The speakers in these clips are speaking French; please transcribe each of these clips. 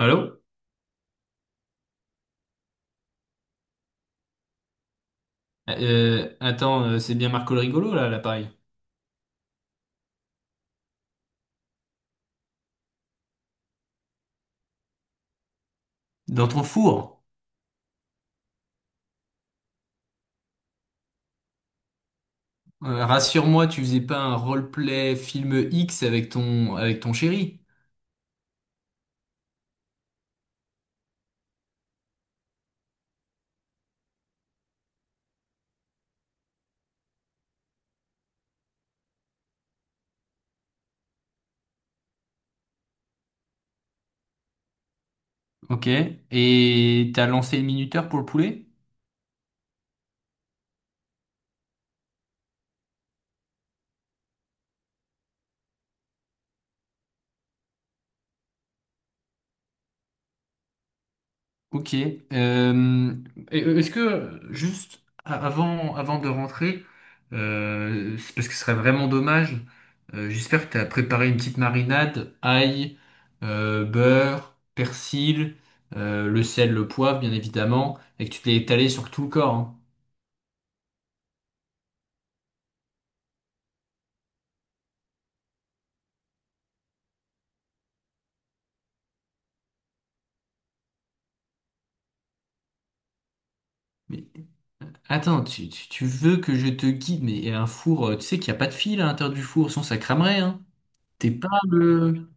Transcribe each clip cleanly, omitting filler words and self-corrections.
Allô? C'est bien Marco le rigolo là, à l'appareil. Dans ton four. Rassure-moi, tu faisais pas un roleplay film X avec ton chéri. Ok. Et t'as lancé le minuteur pour le poulet? Ok. Euh, Est-ce que juste avant, avant de rentrer, c'est parce que ce serait vraiment dommage, j'espère que tu as préparé une petite marinade, ail, beurre, persil, le sel, le poivre, bien évidemment, et que tu te l'es étalé sur tout le corps, hein. Mais attends, tu veux que je te guide, mais un four, tu sais qu'il n'y a pas de fil à l'intérieur du four, sinon ça cramerait, hein. T'es pas le...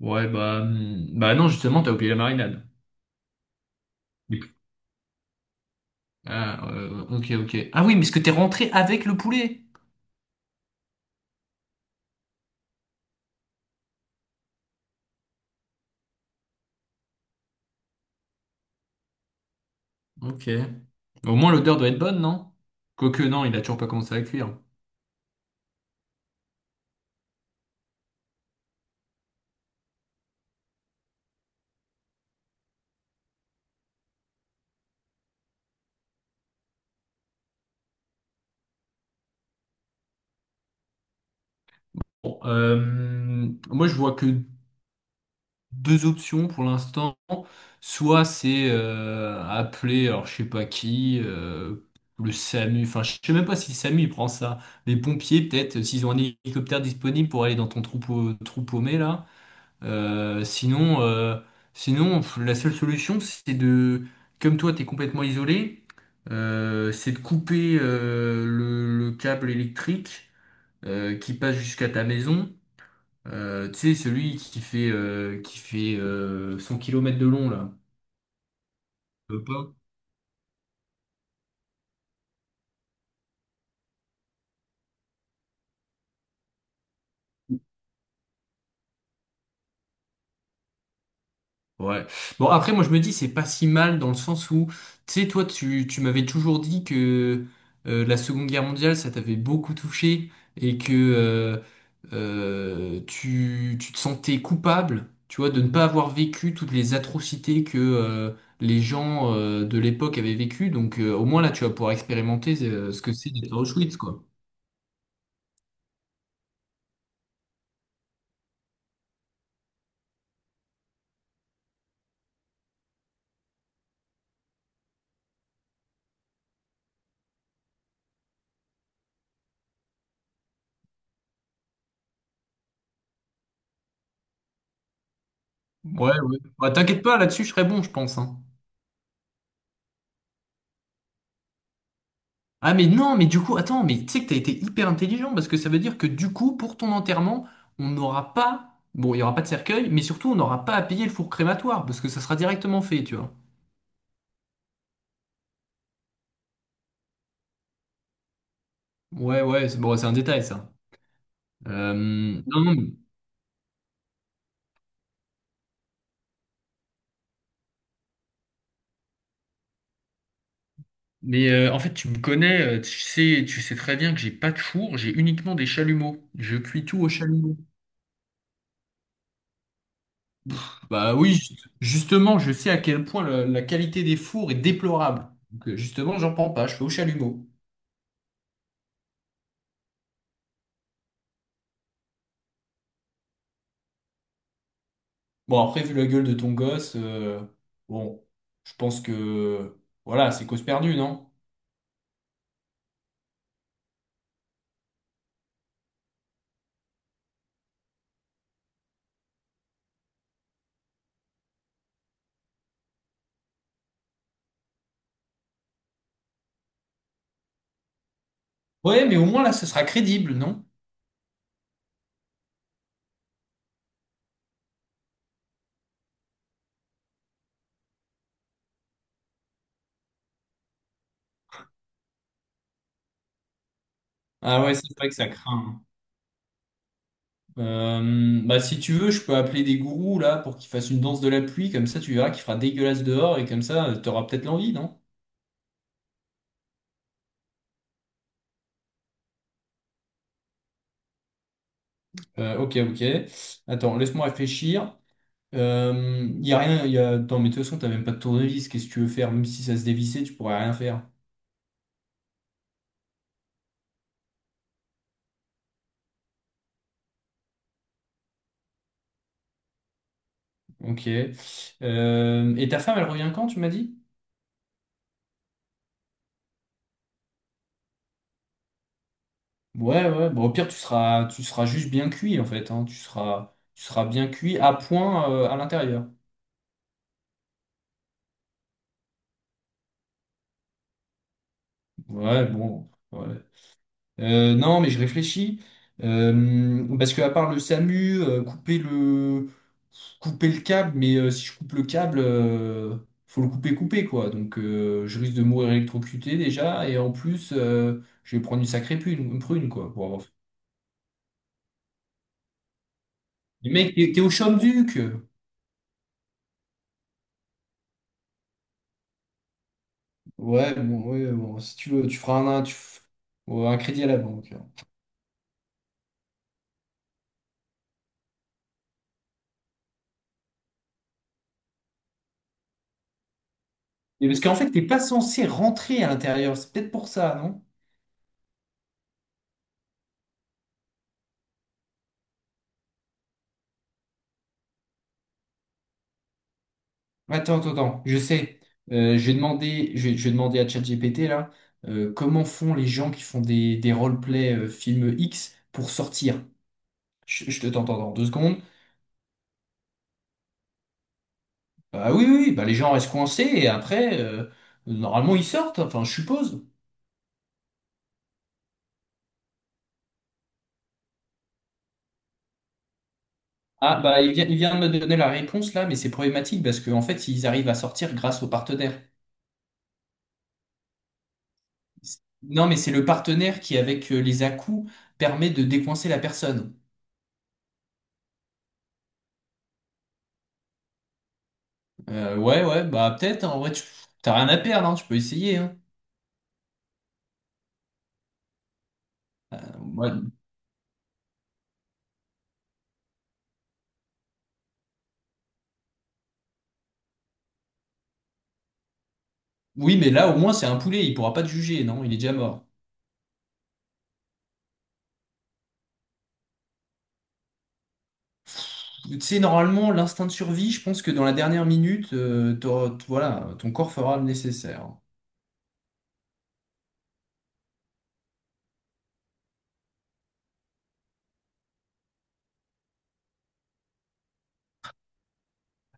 Ouais, bah, bah non, justement, t'as oublié la marinade. Ok. Ah oui, mais est-ce que t'es rentré avec le poulet? Ok. Au moins l'odeur doit être bonne, non? Quoique non, il a toujours pas commencé à cuire. Moi je vois que deux options pour l'instant. Soit c'est appeler, alors je sais pas qui, le SAMU. Enfin, je sais même pas si le SAMU il prend ça. Les pompiers, peut-être, s'ils ont un hélicoptère disponible pour aller dans ton trou paumé là. Euh, sinon, euh, Sinon, pff, la seule solution, c'est de, comme toi, t'es complètement isolé, c'est de couper le câble électrique qui passe jusqu'à ta maison. Tu sais, celui qui fait, 100 kilomètres de long, là. Je veux pas. Ouais. Bon, après, moi, je me dis, c'est pas si mal dans le sens où, tu sais, toi, tu m'avais toujours dit que la Seconde Guerre mondiale, ça t'avait beaucoup touché et que tu te sentais coupable, tu vois, de ne pas avoir vécu toutes les atrocités que les gens de l'époque avaient vécues. Donc, au moins, là, tu vas pouvoir expérimenter ce que c'est d'être à Auschwitz, quoi. Ouais, ouais. Bah, t'inquiète pas, là-dessus, je serais bon, je pense, hein. Ah mais non, mais du coup, attends, mais tu sais que t'as été hyper intelligent parce que ça veut dire que du coup, pour ton enterrement, on n'aura pas, bon, il y aura pas de cercueil, mais surtout, on n'aura pas à payer le four crématoire parce que ça sera directement fait, tu vois. Ouais, ouais, c'est bon, c'est un détail ça. Euh, non, non, Mais en fait, tu me connais, tu sais très bien que j'ai pas de four, j'ai uniquement des chalumeaux. Je cuis tout au chalumeau. Bah oui, justement, je sais à quel point la qualité des fours est déplorable. Donc justement, j'en prends pas, je fais au chalumeau. Bon, après, vu la gueule de ton gosse, bon, je pense que voilà, c'est cause perdue, non? Ouais, mais au moins là, ce sera crédible, non? Ah ouais, c'est vrai que ça craint, hein. Bah, si tu veux, je peux appeler des gourous là pour qu'ils fassent une danse de la pluie, comme ça tu verras qu'il fera dégueulasse dehors et comme ça, t'auras peut-être l'envie, non? Ok. Attends, laisse-moi réfléchir. Y a rien, y a... Attends, mais de toute façon, t'as même pas de tournevis, qu'est-ce que tu veux faire? Même si ça se dévissait, tu pourrais rien faire. Ok. Et ta femme, elle revient quand, tu m'as dit? Ouais, ouais, bon, au pire, tu seras juste bien cuit, en fait, hein. Tu seras bien cuit à point, à l'intérieur. Ouais, bon, ouais. Non, mais je réfléchis. Parce que à part le SAMU, couper le câble, mais si je coupe le câble, faut le couper, couper, quoi. Donc, je risque de mourir électrocuté, déjà, et en plus, je vais prendre une sacrée prune, quoi, pour avoir... fait. Mais mec, t'es au Champ-Duc! Ouais, bon, si tu veux, tu feras un, tu f- ou un crédit à la banque. Et parce qu'en fait, t'es pas censé rentrer à l'intérieur. C'est peut-être pour ça, non? Attends, attends, attends. Je sais. Je vais demander à ChatGPT là, comment font les gens qui font des roleplay film X pour sortir? Je te t'entends dans deux secondes. Ah oui, oui, oui, bah les gens restent coincés et après, normalement, ils sortent. Enfin, je suppose. Ah bah il vient de me donner la réponse là, mais c'est problématique parce qu'en fait, ils arrivent à sortir grâce aux partenaires. Non, mais c'est le partenaire qui, avec les à-coups, permet de décoincer la personne. Ouais, ouais, bah peut-être, hein, en vrai, t'as rien à perdre, hein, tu peux essayer, hein. Ouais. Oui, mais là, au moins, c'est un poulet, il pourra pas te juger, non, il est déjà mort. Tu sais, normalement, l'instinct de survie, je pense que dans la dernière minute, voilà, ton corps fera le nécessaire.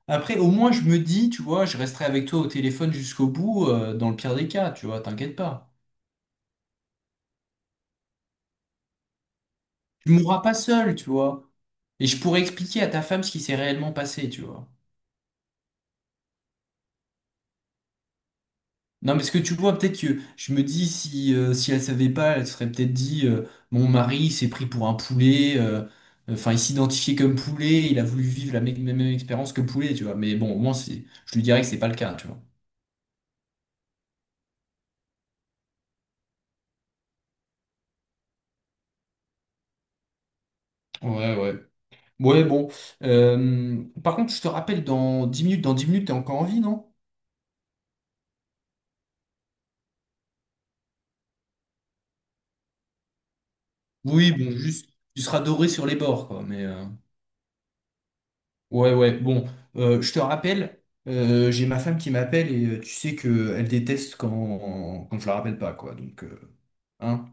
Après, au moins, je me dis, tu vois, je resterai avec toi au téléphone jusqu'au bout, dans le pire des cas, tu vois, t'inquiète pas. Tu mourras pas seul, tu vois. Et je pourrais expliquer à ta femme ce qui s'est réellement passé, tu vois. Non, mais ce que tu vois, peut-être que je me dis, si, si elle savait pas, elle serait peut-être dit, mon mari s'est pris pour un poulet, enfin, il s'identifiait comme poulet, il a voulu vivre la même expérience que le poulet, tu vois. Mais bon, au moins, c'est, je lui dirais que c'est pas le cas, tu vois. Ouais, ouais. Ouais, bon. Par contre, je te rappelle, dans 10 minutes, dans 10 minutes, t'es encore en vie, non? Oui, bon, juste, tu seras doré sur les bords, quoi, mais... Ouais, ouais, bon, je te rappelle, j'ai ma femme qui m'appelle et tu sais que elle déteste quand je la rappelle pas, quoi. Donc, hein.